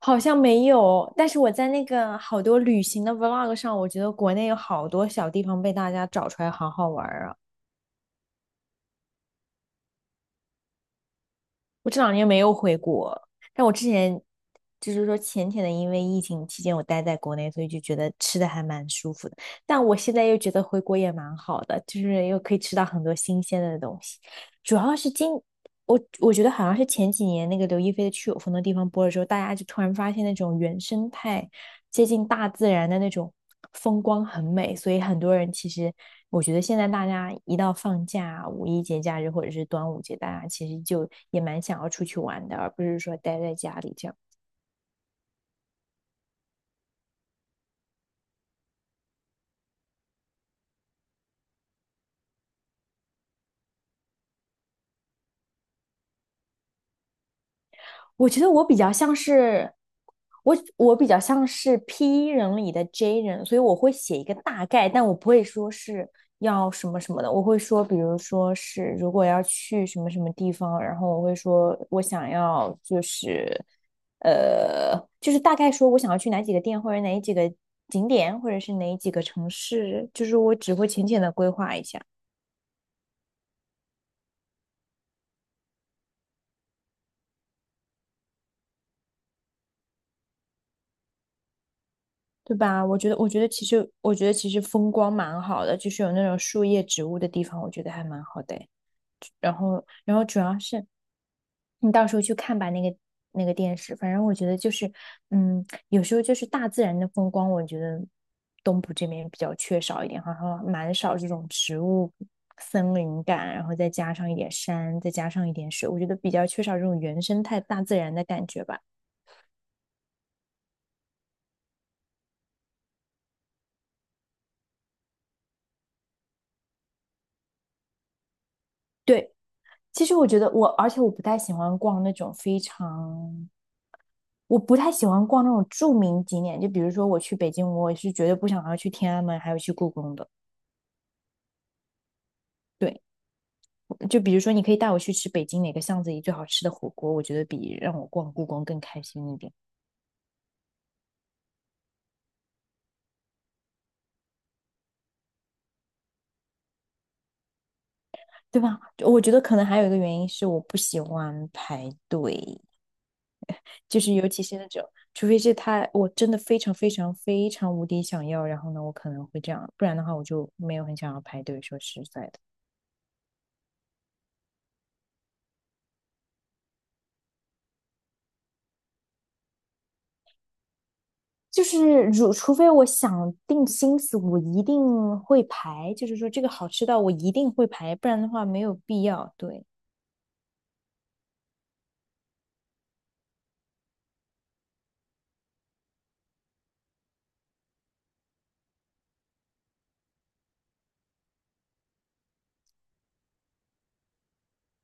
好像没有，但是我在那个好多旅行的 vlog 上，我觉得国内有好多小地方被大家找出来，好好玩儿啊！我这两年没有回国，但我之前就是说浅浅的，因为疫情期间我待在国内，所以就觉得吃的还蛮舒服的。但我现在又觉得回国也蛮好的，就是又可以吃到很多新鲜的东西。主要是今我我觉得好像是前几年那个刘亦菲的《去有风的地方》播了之后，大家就突然发现那种原生态。接近大自然的那种风光很美，所以很多人其实我觉得现在大家一到放假、五一节假日或者是端午节，大家其实就也蛮想要出去玩的，而不是说待在家里这样。我觉得我比较像是 P 人里的 J 人，所以我会写一个大概，但我不会说是要什么什么的，我会说，比如说是如果要去什么什么地方，然后我会说我想要就是就是大概说我想要去哪几个店或者哪几个景点或者是哪几个城市，就是我只会浅浅的规划一下。对吧？我觉得其实风光蛮好的，就是有那种树叶、植物的地方，我觉得还蛮好的诶。然后主要是你到时候去看吧，那个电视。反正我觉得就是，有时候就是大自然的风光，我觉得东部这边比较缺少一点，好像蛮少这种植物、森林感，然后再加上一点山，再加上一点水，我觉得比较缺少这种原生态大自然的感觉吧。对，其实我觉得我，而且我不太喜欢逛那种非常我不太喜欢逛那种著名景点，就比如说我去北京，我是绝对不想要去天安门，还有去故宫的。对，就比如说你可以带我去吃北京哪个巷子里最好吃的火锅，我觉得比让我逛故宫更开心一点，对吧？我觉得可能还有一个原因是我不喜欢排队，就是尤其是那种，除非是他我真的非常非常非常无敌想要，然后呢，我可能会这样，不然的话我就没有很想要排队，说实在的。就是如，除非我想定心思，我一定会排。就是说，这个好吃到我一定会排，不然的话没有必要。对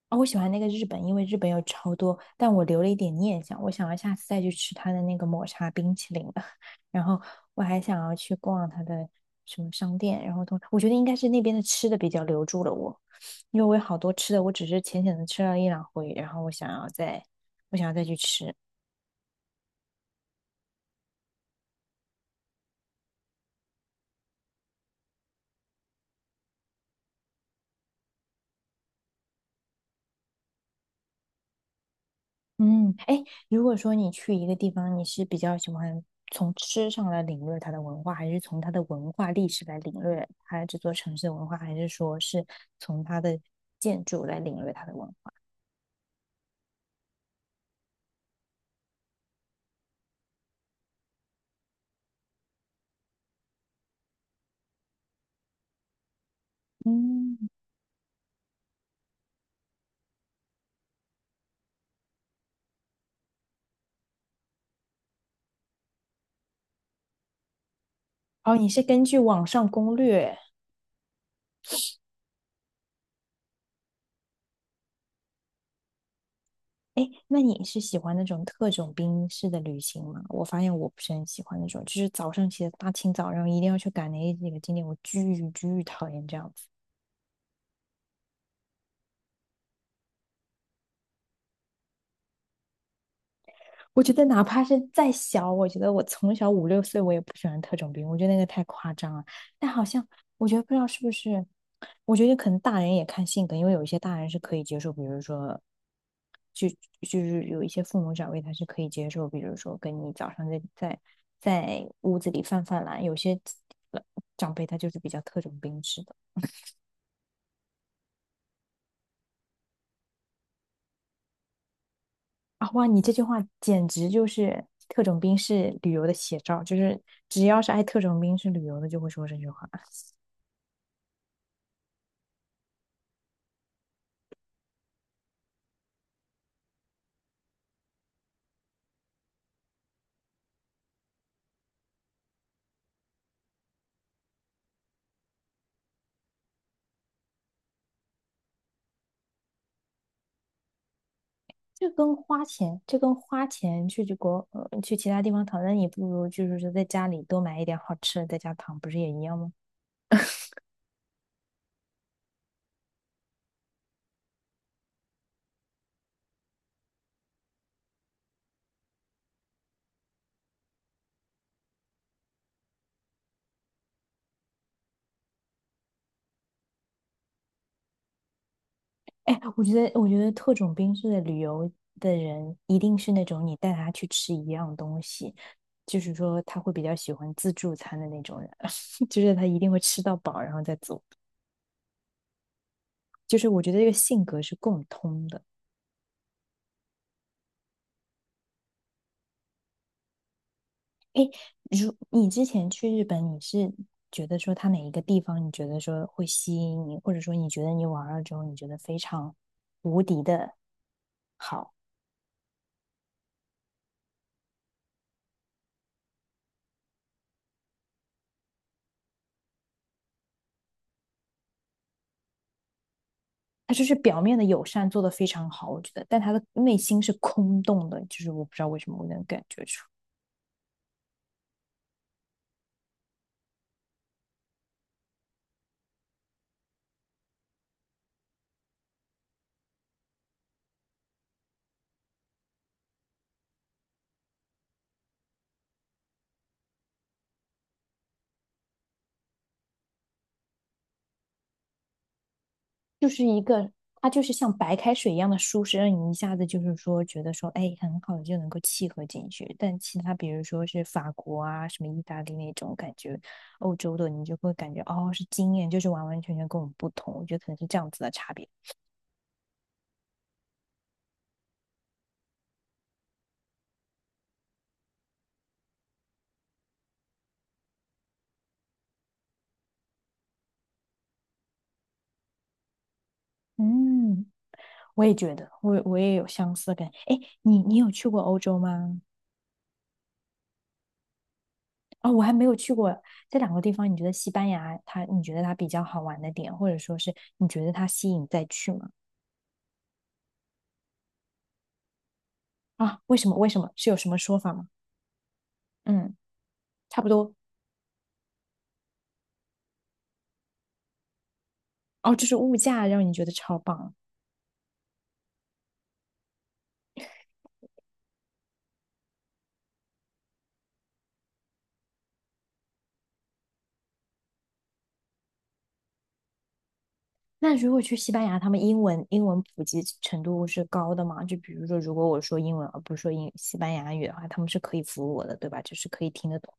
啊、我喜欢那个日本，因为日本有超多，但我留了一点念想，我想要下次再去吃它的那个抹茶冰淇淋了。然后我还想要去逛它的什么商店，然后同我觉得应该是那边的吃的比较留住了我，因为我有好多吃的，我只是浅浅的吃了一两回，然后我想要再去吃。嗯，哎，如果说你去一个地方，你是比较喜欢从吃上来领略它的文化，还是从它的文化历史来领略它这座城市的文化，还是说是从它的建筑来领略它的文化？嗯，哦，你是根据网上攻略。哎，那你是喜欢那种特种兵式的旅行吗？我发现我不是很喜欢那种，就是早上起来大清早，然后一定要去赶那几个景点，我巨讨厌这样子。我觉得哪怕是再小，我觉得我从小五六岁我也不喜欢特种兵，我觉得那个太夸张了。但好像我觉得不知道是不是，我觉得可能大人也看性格，因为有一些大人是可以接受，比如说，就就是有一些父母长辈他是可以接受，比如说跟你早上在屋子里犯犯懒，有些长辈他就是比较特种兵式的。啊，哇，你这句话简直就是特种兵式旅游的写照，就是只要是爱特种兵式旅游的，就会说这句话。就跟花钱，就跟花钱去其他地方躺，那你不如就是说在家里多买一点好吃的，在家躺，不是也一样吗？哎，我觉得，我觉得特种兵式的旅游的人，一定是那种你带他去吃一样东西，就是说他会比较喜欢自助餐的那种人，就是他一定会吃到饱，然后再走。就是我觉得这个性格是共通的。如你之前去日本，你是觉得说他哪一个地方你觉得说会吸引你，或者说你觉得你玩了之后你觉得非常无敌的好，他就是表面的友善做得非常好，我觉得，但他的内心是空洞的，就是我不知道为什么我能感觉出就是一个，它就是像白开水一样的舒适，让你一下子就是说觉得说，哎，很好就能够契合进去。但其他比如说是法国啊、什么意大利那种感觉，欧洲的你就会感觉哦是经验，就是完完全全跟我们不同。我觉得可能是这样子的差别。嗯，我也觉得，我也有相似的感觉。哎，你有去过欧洲吗？哦，我还没有去过这两个地方。你觉得西班牙它，你觉得它比较好玩的点，或者说是你觉得它吸引再去吗？啊，为什么？为什么？是有什么说法吗？嗯，差不多。哦，就是物价让你觉得超棒啊。那如果去西班牙，他们英文普及程度是高的吗？就比如说，如果我说英文而不是说英西班牙语的话，他们是可以服务我的，对吧？就是可以听得懂。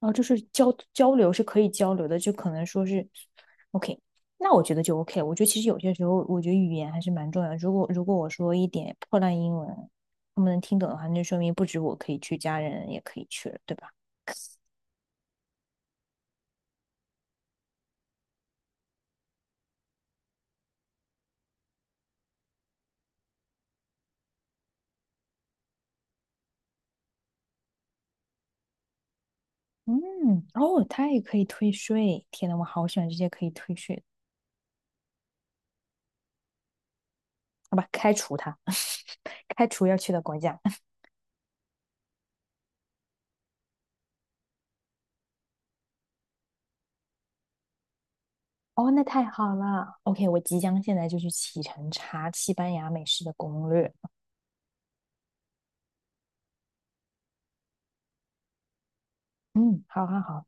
然后就是交流是可以交流的，就可能说是 OK。那我觉得就 OK。我觉得其实有些时候，我觉得语言还是蛮重要的，如果我说一点破烂英文，他们能听懂的话，那就说明不止我可以去，家人也可以去了，对吧？嗯，哦，它也可以退税。天呐，我好喜欢这些可以退税。好吧，开除它，开除要去的国家。哦，那太好了。OK,我即将现在就去启程查西班牙美食的攻略。嗯，好好好。